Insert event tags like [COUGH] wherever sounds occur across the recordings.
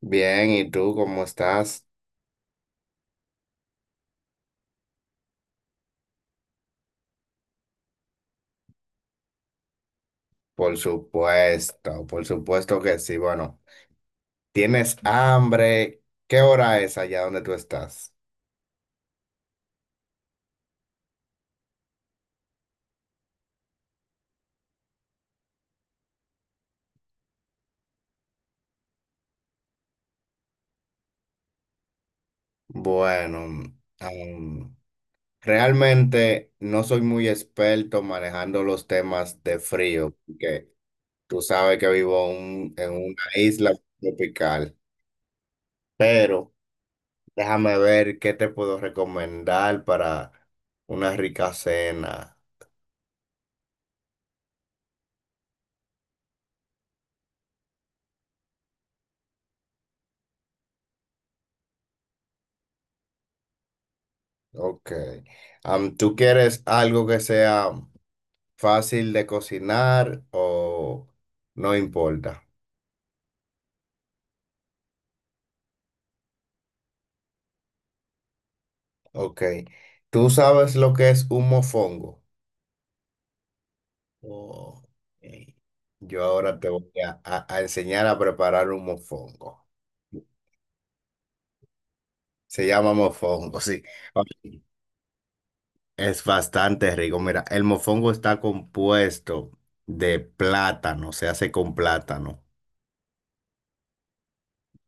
Bien, ¿y tú cómo estás? Por supuesto que sí. Bueno, ¿tienes hambre? ¿Qué hora es allá donde tú estás? Bueno, am, realmente no soy muy experto manejando los temas de frío, porque tú sabes que vivo en una isla tropical, pero déjame ver qué te puedo recomendar para una rica cena. Ok. ¿Tú quieres algo que sea fácil de cocinar o no importa? Ok. ¿Tú sabes lo que es un mofongo? Oh, ok. Yo ahora te voy a enseñar a preparar un mofongo. Se llama mofongo, sí. Ok. Es bastante rico. Mira, el mofongo está compuesto de plátano, se hace con plátano.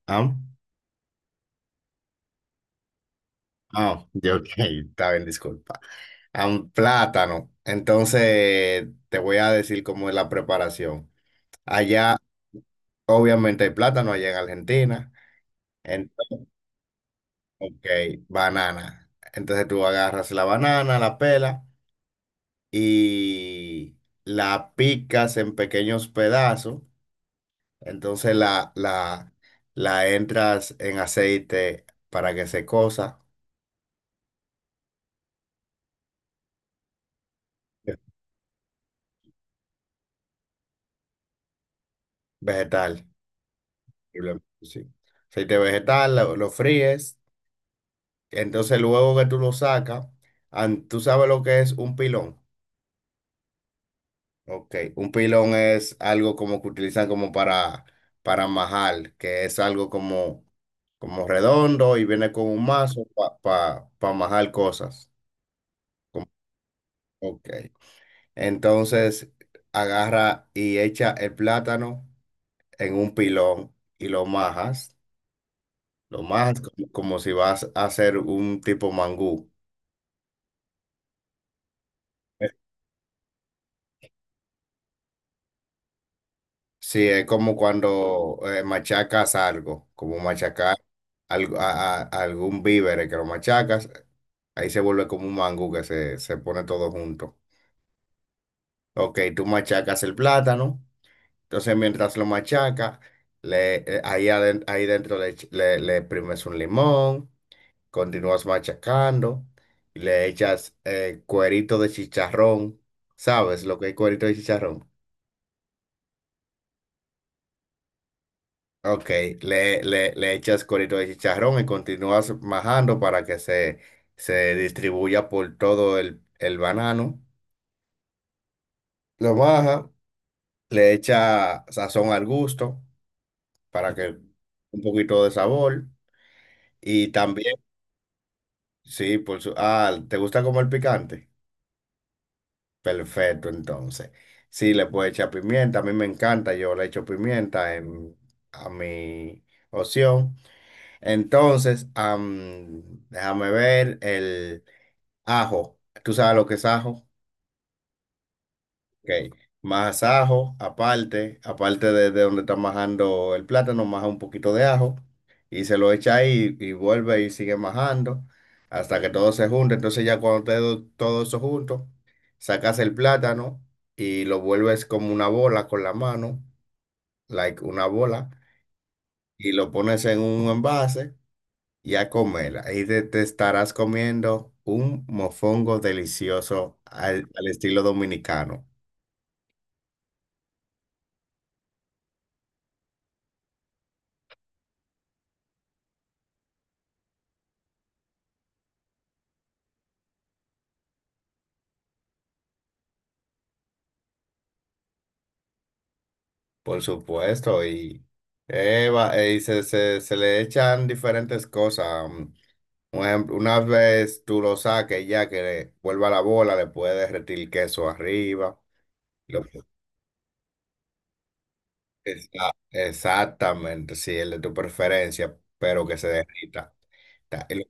¿Ah? Ah, [LAUGHS] yo, ok, está bien, disculpa. A un plátano. Entonces, te voy a decir cómo es la preparación. Allá, obviamente, hay plátano allá en Argentina. Entonces, ok, banana. Entonces, tú agarras la banana, la pela y la picas en pequeños pedazos. Entonces, la entras en aceite para que se cosa. Vegetal. Posiblemente, sí. Aceite vegetal, lo fríes, entonces luego que tú lo sacas, tú sabes lo que es un pilón. Ok, un pilón es algo como que utilizan como para majar, que es algo como, como redondo y viene con un mazo para pa majar cosas. Como- Ok, entonces agarra y echa el plátano en un pilón y lo majas como, como si vas a hacer un tipo mangú. Sí, es como cuando machacas algo, como machacar algo, a algún víver que lo machacas, ahí se vuelve como un mangú que se pone todo junto. Ok, tú machacas el plátano, entonces mientras lo machacas, le, ahí, aden- ahí dentro le, ech- le exprimes un limón, continúas machacando, y le echas cuerito de chicharrón, ¿sabes lo que es cuerito de chicharrón? Ok, le echas corito de chicharrón y continúas majando para que se distribuya por todo el banano. Lo baja le echa sazón al gusto para que un poquito de sabor. Y también, sí, por su... Ah, ¿te gusta comer picante? Perfecto, entonces. Sí, le puedes echar pimienta, a mí me encanta, yo le echo pimienta en, a mi opción. Entonces, déjame ver el... Ajo, ¿tú sabes lo que es ajo? Ok, más ajo, aparte, aparte de donde está majando el plátano, maja un poquito de ajo y se lo echa ahí y vuelve y sigue majando hasta que todo se junte. Entonces ya cuando esté todo eso junto, sacas el plátano y lo vuelves como una bola con la mano, like una bola, y lo pones en un envase. Y a comer. Ahí te estarás comiendo un mofongo delicioso al, al estilo dominicano, por supuesto. Y, y se le echan diferentes cosas. Un ejemplo, una vez tú lo saques ya que vuelva la bola, le puedes derretir queso arriba. Lo- Exactamente, sí, el de tu preferencia, pero que se derrita. Y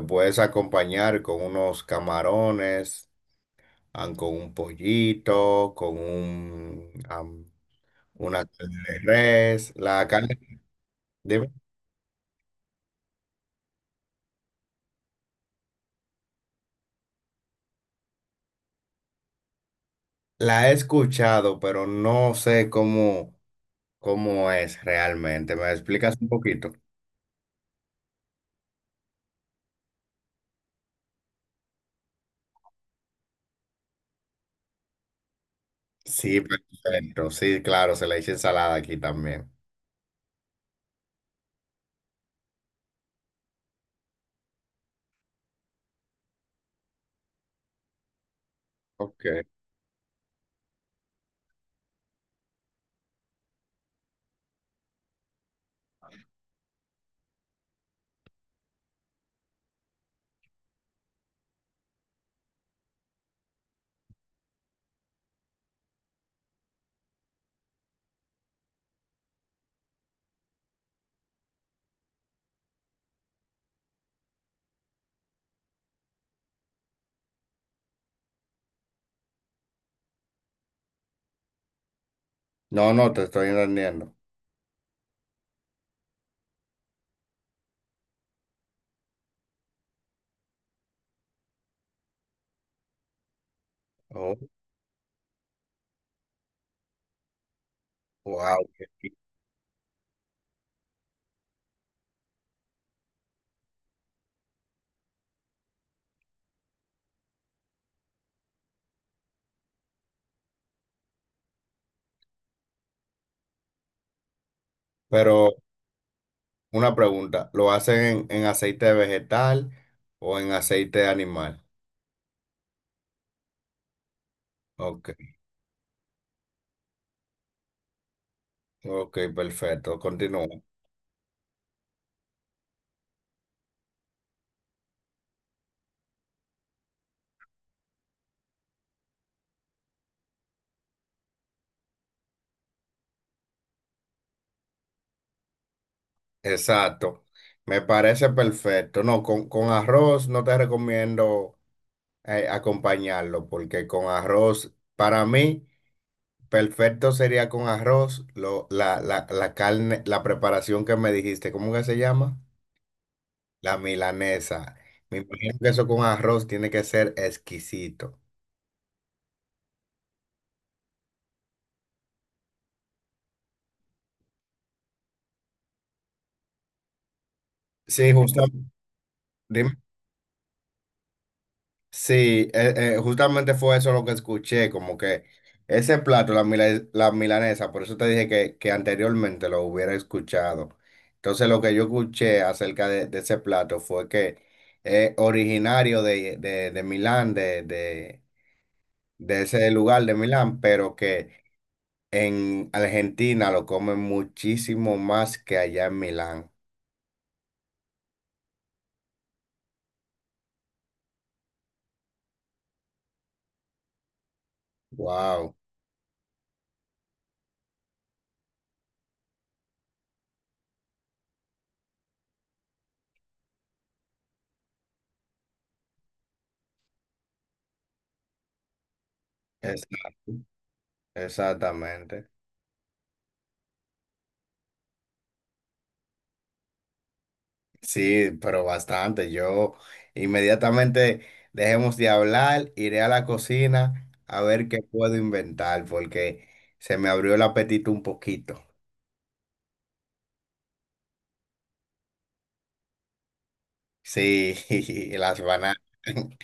lo puedes acompañar con unos camarones. Van con un pollito, con un, una carne de res. La carne, dime. La he escuchado, pero no sé cómo, cómo es realmente. ¿Me explicas un poquito? Sí, perfecto. Sí, claro, se le echa ensalada aquí también. Ok. No, no, te estoy entendiendo. Oh, wow. Pero una pregunta, ¿lo hacen en aceite vegetal o en aceite animal? Ok, ok, perfecto. Continúa. Exacto, me parece perfecto. No, con arroz no te recomiendo acompañarlo porque con arroz, para mí, perfecto sería con arroz la carne, la preparación que me dijiste, ¿cómo que se llama? La milanesa. Me imagino que eso con arroz tiene que ser exquisito. Sí, justo. Dime. Sí, justamente fue eso lo que escuché, como que ese plato, la milanesa, por eso te dije que anteriormente lo hubiera escuchado. Entonces lo que yo escuché acerca de ese plato fue que es originario de Milán, de ese lugar de Milán, pero que en Argentina lo comen muchísimo más que allá en Milán. Wow, exacto, exactamente. Sí, pero bastante. Yo inmediatamente dejemos de hablar, iré a la cocina a ver qué puedo inventar, porque se me abrió el apetito un poquito. Sí, [LAUGHS] las bananas. [LAUGHS]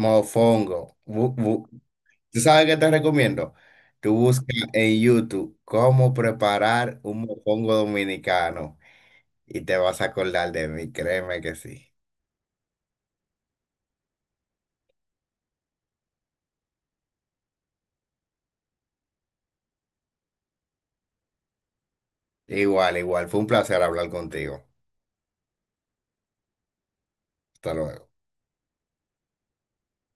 Mofongo. ¿Tú sabes qué te recomiendo? Tú busca en YouTube cómo preparar un mofongo dominicano y te vas a acordar de mí, créeme que sí. Igual, igual. Fue un placer hablar contigo. Hasta luego.